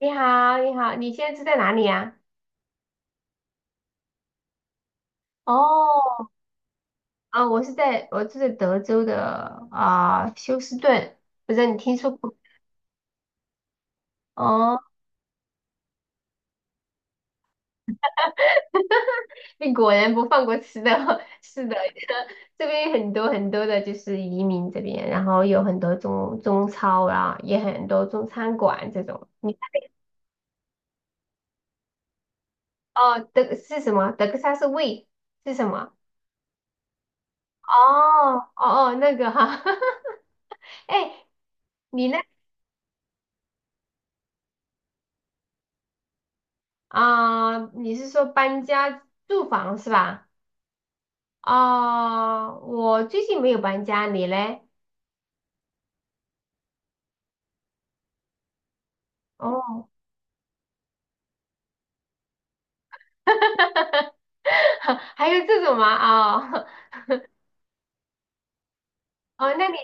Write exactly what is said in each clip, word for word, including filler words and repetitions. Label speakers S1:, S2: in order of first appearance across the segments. S1: 你好，你好，你现在住在哪里呀？哦，啊？我是在我住在德州的啊，休斯顿，不知道你听说过？哦，你果然不放过吃的，是的，这边有很多很多的就是移民这边，然后有很多中中超啊，也很多中餐馆这种。你哦，德是什么？德克萨斯味是什么？哦哦哦，那个哈，哎，你那啊，你是说搬家住房是吧？哦，我最近没有搬家，你嘞？哦，还有这种吗？哦，哦，那你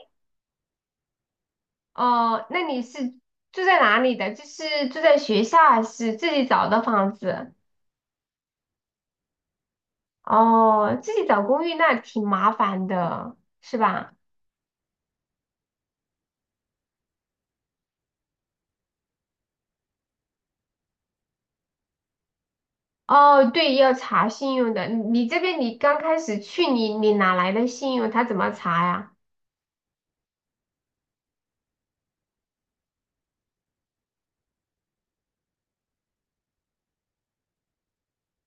S1: 哦，那你是住在哪里的？就是住在学校还是自己找的房子？哦，自己找公寓那挺麻烦的，是吧？哦，对，要查信用的。你这边你刚开始去，你你哪来的信用？他怎么查呀？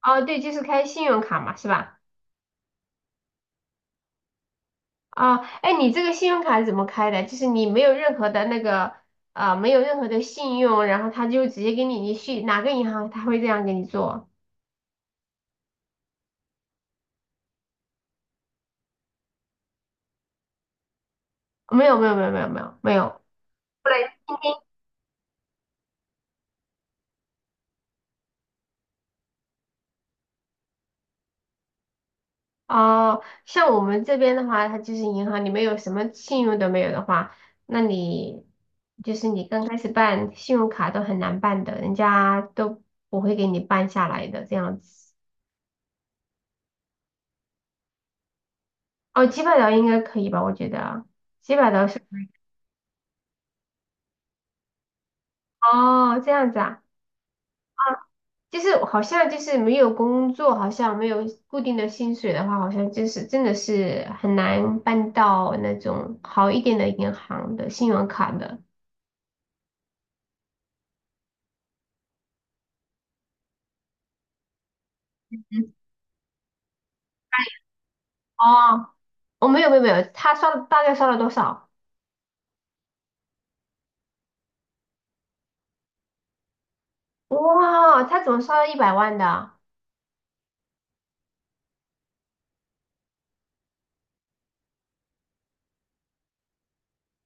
S1: 哦，对，就是开信用卡嘛，是吧？啊，哎，你这个信用卡是怎么开的？就是你没有任何的那个，呃，没有任何的信用，然后他就直接给你，你去哪个银行他会这样给你做？没有，没有，没有，没有，没有，没有。后来哦，像我们这边的话，它就是银行，你没有什么信用都没有的话，那你就是你刚开始办信用卡都很难办的，人家都不会给你办下来的这样子。哦，几百刀应该可以吧？我觉得几百刀是哦，这样子啊。就是好像就是没有工作，好像没有固定的薪水的话，好像就是真的是很难办到那种好一点的银行的信用卡的。哦，我、没有没有没有，他刷了大概刷了多少？哇，他怎么刷了一百万的？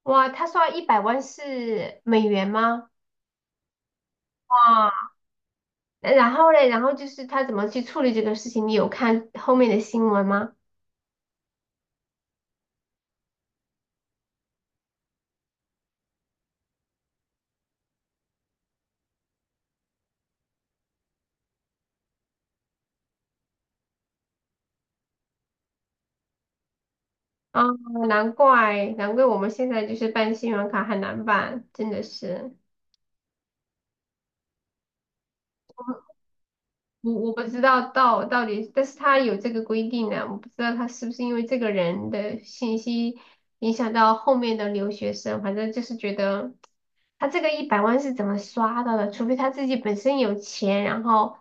S1: 哇，他刷一百万是美元吗？哇，然后嘞，然后就是他怎么去处理这个事情？你有看后面的新闻吗？啊，难怪难怪我们现在就是办信用卡很难办，真的是。我我不知道到到底，但是他有这个规定呢，我不知道他是不是因为这个人的信息影响到后面的留学生，反正就是觉得他这个一百万是怎么刷到的，除非他自己本身有钱，然后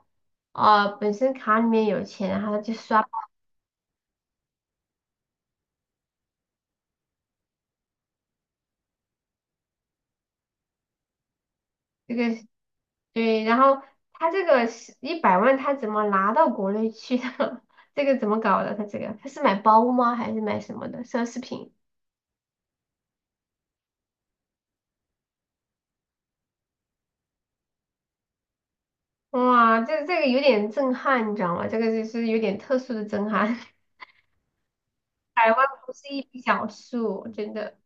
S1: 呃本身卡里面有钱，然后他就刷这个，对，然后他这个一百万他怎么拿到国内去的？这个怎么搞的？他这个他是买包吗？还是买什么的奢侈品？哇，这这个有点震撼，你知道吗？这个就是有点特殊的震撼。百万不是一笔小数，真的。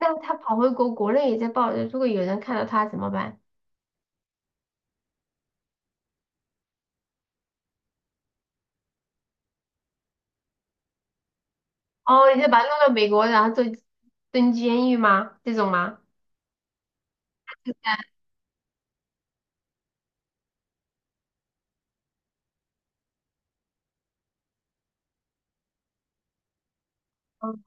S1: 那他跑回国，国内也在报，如果有人看到他怎么办？哦，你就把他弄到美国，然后坐蹲监狱吗？这种吗？嗯，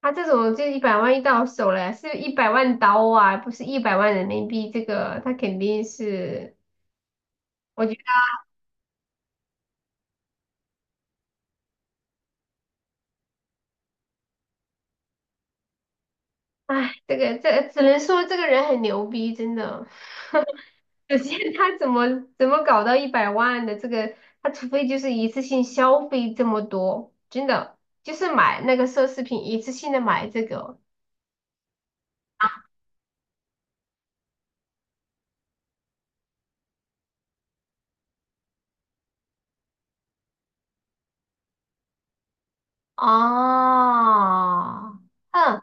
S1: 他这种就一百万一到手了，是一百万刀啊，不是一百万人民币。这个他肯定是，我觉得，哎，这个这只能说这个人很牛逼，真的。首先，他怎么怎么搞到一百万的这个，他除非就是一次性消费这么多，真的就是买那个奢侈品，一次性的买这个啊，嗯，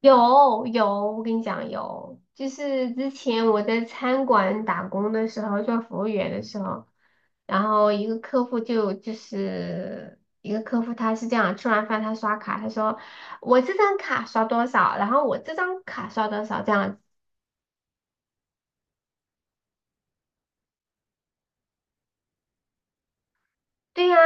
S1: 有有，我跟你讲有，就是之前我在餐馆打工的时候，做服务员的时候，然后一个客户就就是一个客户他是这样，吃完饭他刷卡，他说。我这张卡刷多少，然后我这张卡刷多少这样对呀，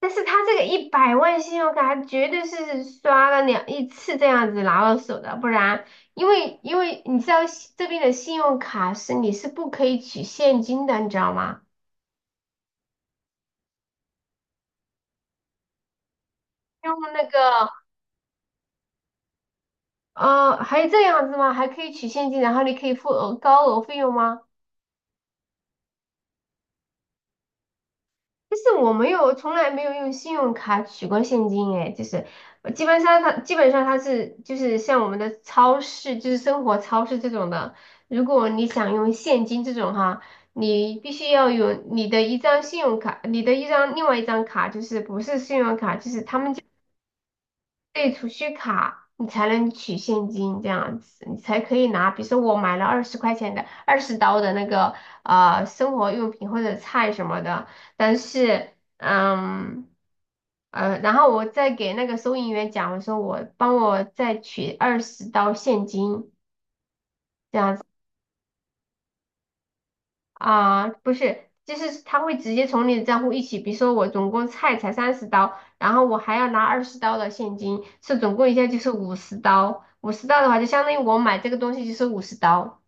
S1: 但是他这个一百万信用卡绝对是刷了两一次这样子拿到手的，不然，因为因为你知道西这边的信用卡是你是不可以取现金的，你知道吗？用那个呃，还这样子吗？还可以取现金，然后你可以付额高额费用吗？就是我没有，从来没有用信用卡取过现金，哎，就是呃基本上它基本上它是就是像我们的超市，就是生活超市这种的，如果你想用现金这种哈，你必须要有你的一张信用卡，你的一张另外一张卡，就是不是信用卡，就是他们。对，储蓄卡你才能取现金这样子，你才可以拿。比如说我买了二十块钱的、二十刀的那个呃生活用品或者菜什么的，但是嗯呃，然后我再给那个收银员讲，我说我帮我再取二十刀现金，啊，不是，就是他会直接从你的账户一起，比如说我总共菜才三十刀，然后我还要拿二十刀的现金，是总共一下就是五十刀。五十刀的话，就相当于我买这个东西就是五十刀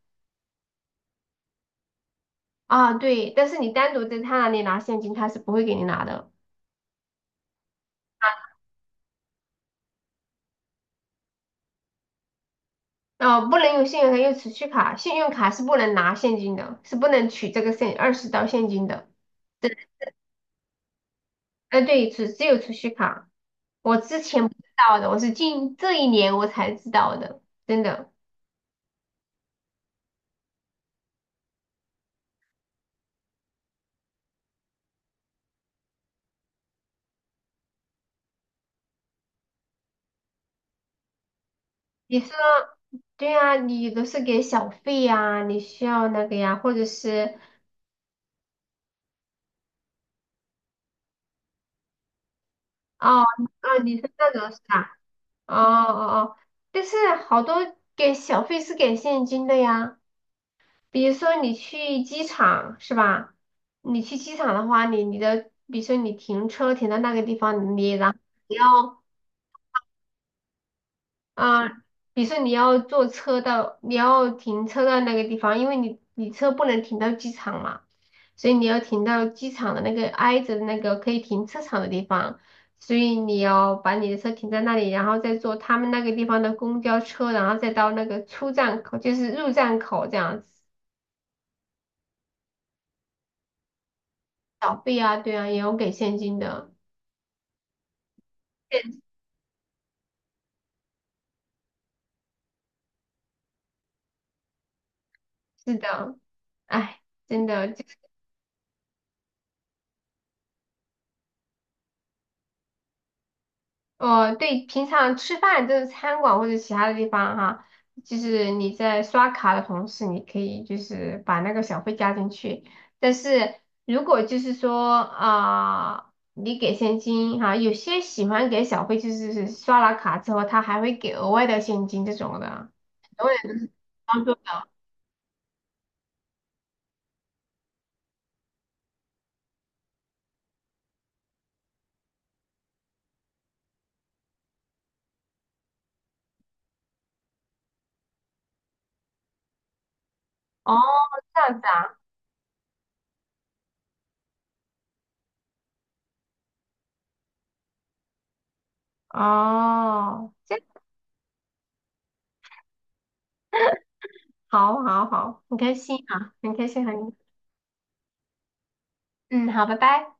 S1: 啊，对。但是你单独在他那里拿现金，他是不会给你拿的。哦，不能用信用卡，用储蓄卡，信用卡是不能拿现金的，是不能取这个现二十刀现金的。哎，对，只只有储蓄卡，我之前不知道的，我是近这一年我才知道的，真的。你说。对啊，你都是给小费呀，你需要那个呀，或者是哦哦，你是那种是吧？哦哦哦，但是好多给小费是给现金的呀，比如说你去机场是吧？你去机场的话，你你的比如说你停车停到那个地方，你然后你要啊，比如说你要坐车到，你要停车到那个地方，因为你你车不能停到机场嘛，所以你要停到机场的那个挨着的那个可以停车场的地方，所以你要把你的车停在那里，然后再坐他们那个地方的公交车，然后再到那个出站口，就是入站口这样子。小费啊，对啊，也有给现金的。现是的，哎，真的。哦，对，平常吃饭就是餐馆或者其他的地方哈，就是你在刷卡的同时，你可以就是把那个小费加进去。但是如果就是说啊，你给现金哈，有些喜欢给小费，就是是刷了卡之后，他还会给额外的现金这种的。我也当做的。哦，这样子啊，哦，这 好好好，很开心啊，很开心和你，嗯，好，拜拜。